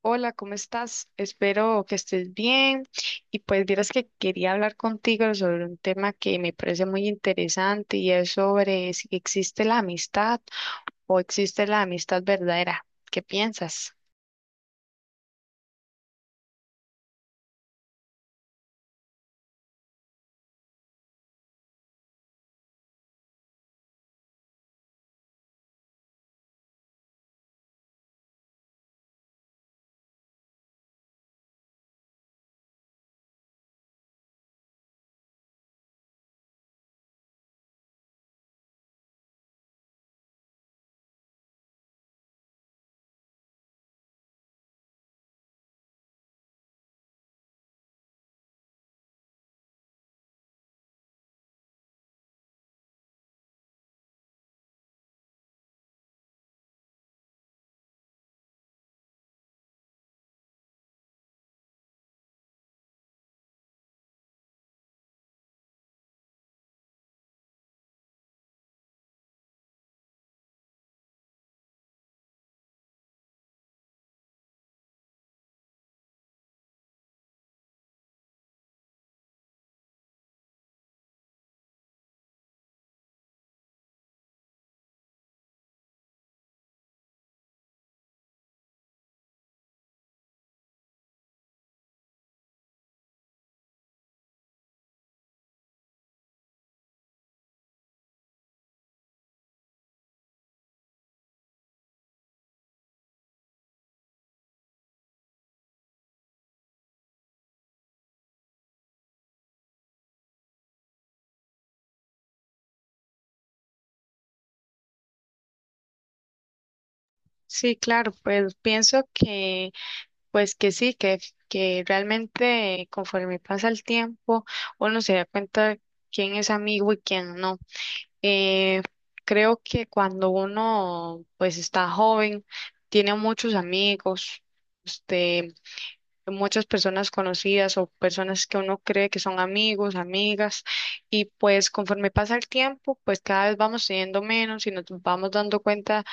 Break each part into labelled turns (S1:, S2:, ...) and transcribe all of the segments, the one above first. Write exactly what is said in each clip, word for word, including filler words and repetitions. S1: Hola, ¿cómo estás? Espero que estés bien. Y pues vieras que quería hablar contigo sobre un tema que me parece muy interesante y es sobre si existe la amistad o existe la amistad verdadera. ¿Qué piensas? Sí, claro, pues pienso que pues que sí, que, que realmente conforme pasa el tiempo uno se da cuenta quién es amigo y quién no. Eh, Creo que cuando uno pues está joven, tiene muchos amigos, este, muchas personas conocidas o personas que uno cree que son amigos, amigas, y pues conforme pasa el tiempo, pues cada vez vamos teniendo menos y nos vamos dando cuenta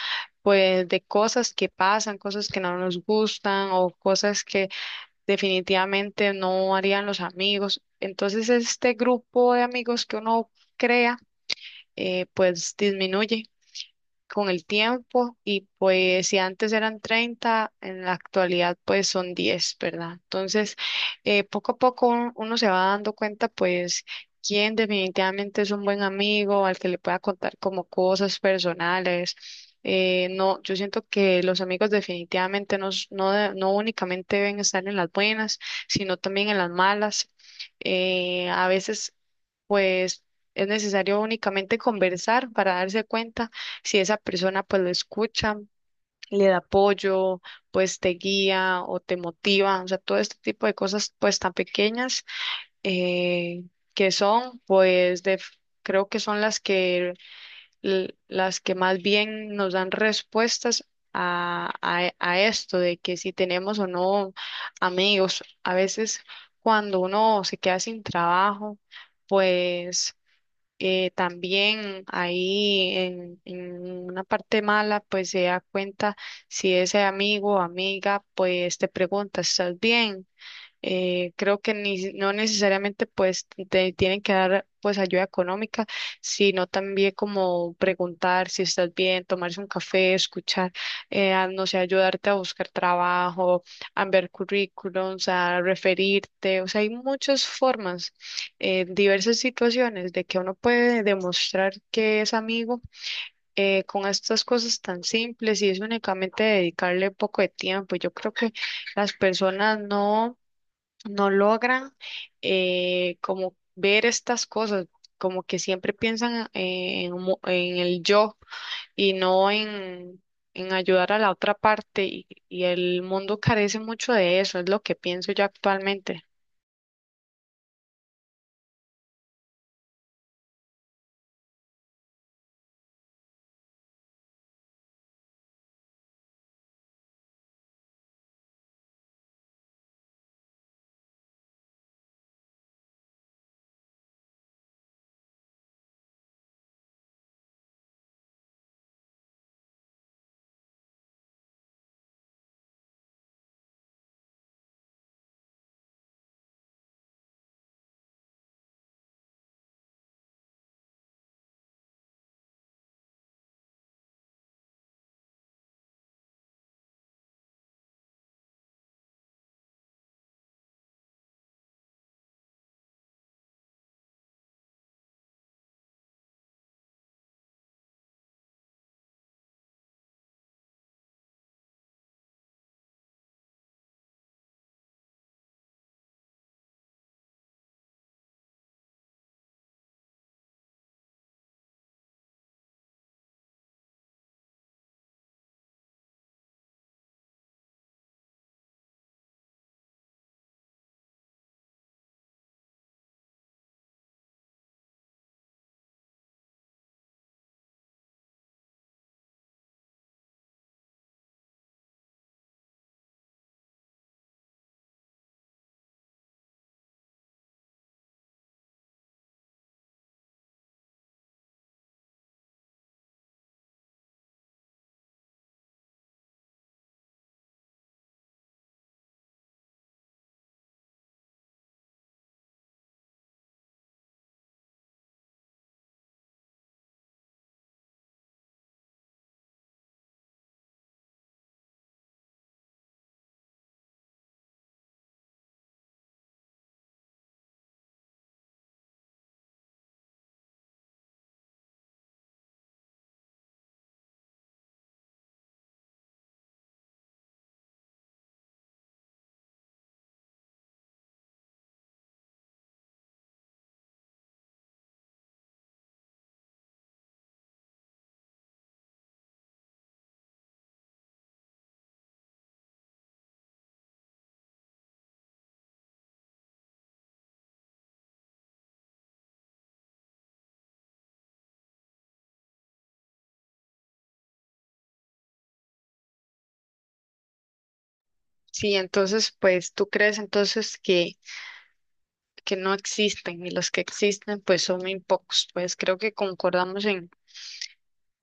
S1: pues de cosas que pasan, cosas que no nos gustan o cosas que definitivamente no harían los amigos. Entonces este grupo de amigos que uno crea eh, pues disminuye con el tiempo, y pues si antes eran treinta, en la actualidad pues son diez, ¿verdad? Entonces, eh, poco a poco un- uno se va dando cuenta pues quién definitivamente es un buen amigo al que le pueda contar como cosas personales. Eh, no, yo siento que los amigos definitivamente no, s- no, de- no únicamente deben estar en las buenas, sino también en las malas. Eh, a veces pues es necesario únicamente conversar para darse cuenta si esa persona pues lo escucha, le da apoyo, pues te guía o te motiva, o sea, todo este tipo de cosas pues tan pequeñas, eh, que son pues de, creo que son las que, l- las que más bien nos dan respuestas. A, a, a esto de que si tenemos o no amigos, a veces cuando uno se queda sin trabajo, pues eh, también ahí en, en una parte mala, pues se da cuenta si ese amigo o amiga, pues te pregunta, ¿estás bien? Eh, creo que ni, no necesariamente pues te tienen que dar pues ayuda económica, sino también como preguntar si estás bien, tomarse un café, escuchar, eh, a, no sé, ayudarte a buscar trabajo, a ver currículums, a referirte, o sea, hay muchas formas, eh, diversas situaciones de que uno puede demostrar que es amigo. Eh, con estas cosas tan simples, y es únicamente dedicarle poco de tiempo. Yo creo que las personas no no logran, eh, como ver estas cosas, como que siempre piensan eh, en, mo- en el yo y no en, en ayudar a la otra parte, y, y el mundo carece mucho de eso, es lo que pienso yo actualmente. Sí, entonces, pues tú crees entonces que, que no existen y los que existen pues son muy pocos, pues creo que concordamos en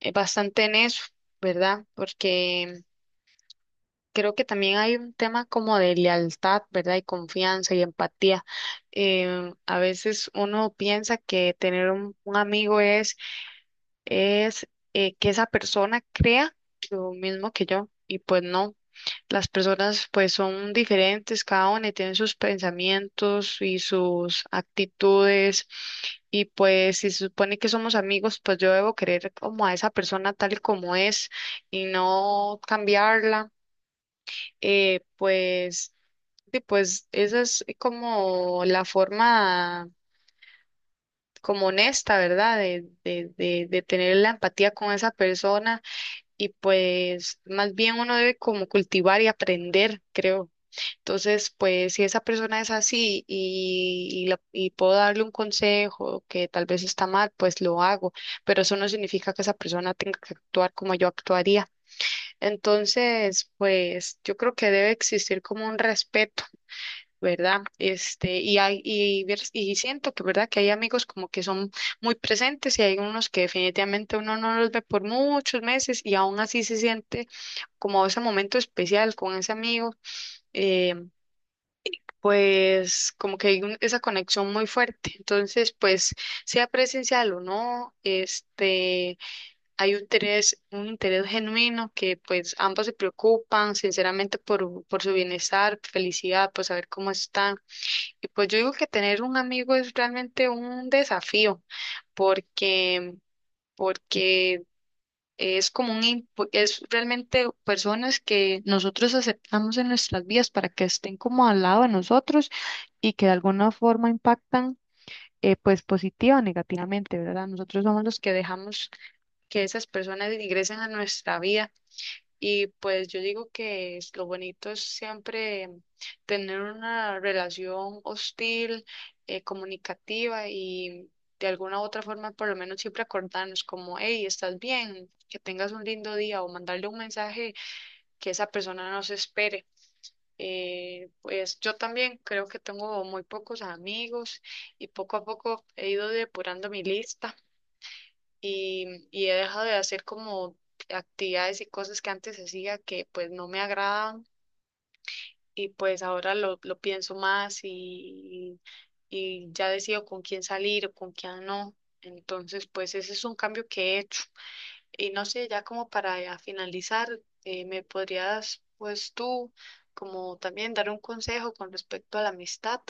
S1: eh, bastante en eso, ¿verdad? Porque creo que también hay un tema como de lealtad, ¿verdad? Y confianza y empatía. Em, a veces uno piensa que tener un, un amigo es, es, eh, que esa persona crea lo mismo que yo, y pues no. Las personas pues son diferentes, cada una, y tiene sus pensamientos y sus actitudes, y pues si se supone que somos amigos, pues yo debo querer como a esa persona tal y como es y no cambiarla, eh, pues, sí, pues esa es como la forma como honesta, ¿verdad? De, de, de, de tener la empatía con esa persona, y pues más bien uno debe como cultivar y aprender, creo. Entonces, pues si esa persona es así y, y, la- y puedo darle un consejo que tal vez está mal, pues lo hago, pero eso no significa que esa persona tenga que actuar como yo actuaría. Entonces, pues yo creo que debe existir como un respeto, ¿verdad? Este, y hay, y, vers- y siento que, ¿verdad? Que hay amigos como que son muy presentes, y hay unos que definitivamente uno no los ve por muchos meses y aún así se siente como ese momento especial con ese amigo, eh, pues como que hay un- esa conexión muy fuerte. Entonces, pues sea presencial o no, este, hay un interés, un interés genuino, que pues ambos se preocupan sinceramente por, por su bienestar, felicidad, por saber cómo están. Y pues yo digo que tener un amigo es realmente un desafío, porque, porque es como un, impu- es realmente personas que nosotros aceptamos en nuestras vidas para que estén como al lado de nosotros, y que de alguna forma impactan, eh, pues positiva o negativamente, ¿verdad? Nosotros somos los que dejamos que esas personas ingresen a nuestra vida. Y pues yo digo que es- lo bonito es siempre tener una relación hostil, eh, comunicativa, y de alguna u otra forma por lo menos siempre acordarnos como, hey, estás bien, que tengas un lindo día, o mandarle un mensaje que esa persona no se espere. Eh, pues yo también creo que tengo muy pocos amigos, y poco a poco he ido depurando mi lista, y, y he dejado de hacer como actividades y cosas que antes hacía que pues no me agradaban, y pues ahora lo, lo pienso más, y, y ya decido con quién salir o con quién no. Entonces pues ese es un cambio que he hecho. Y no sé, ya como para ya finalizar, eh, ¿me podrías pues tú como también dar un consejo con respecto a la amistad?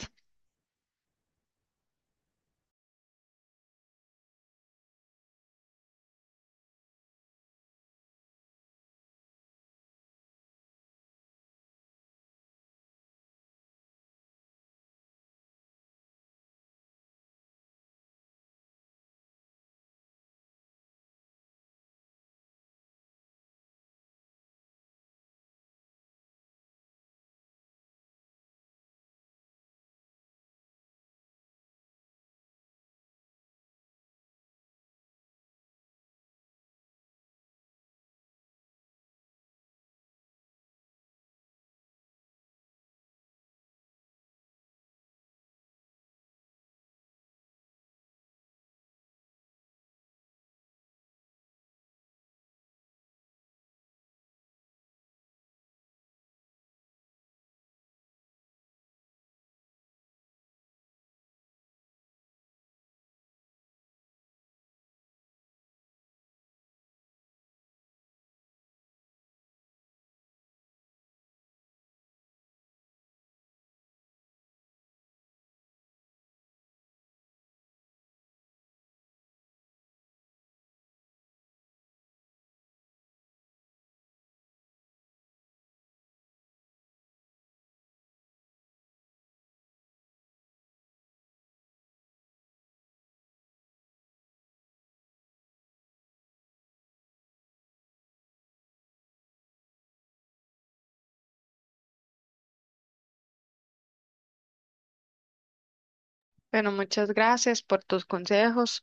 S1: Bueno, muchas gracias por tus consejos.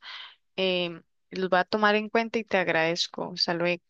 S1: em, los voy a tomar en cuenta y te agradezco. Hasta luego.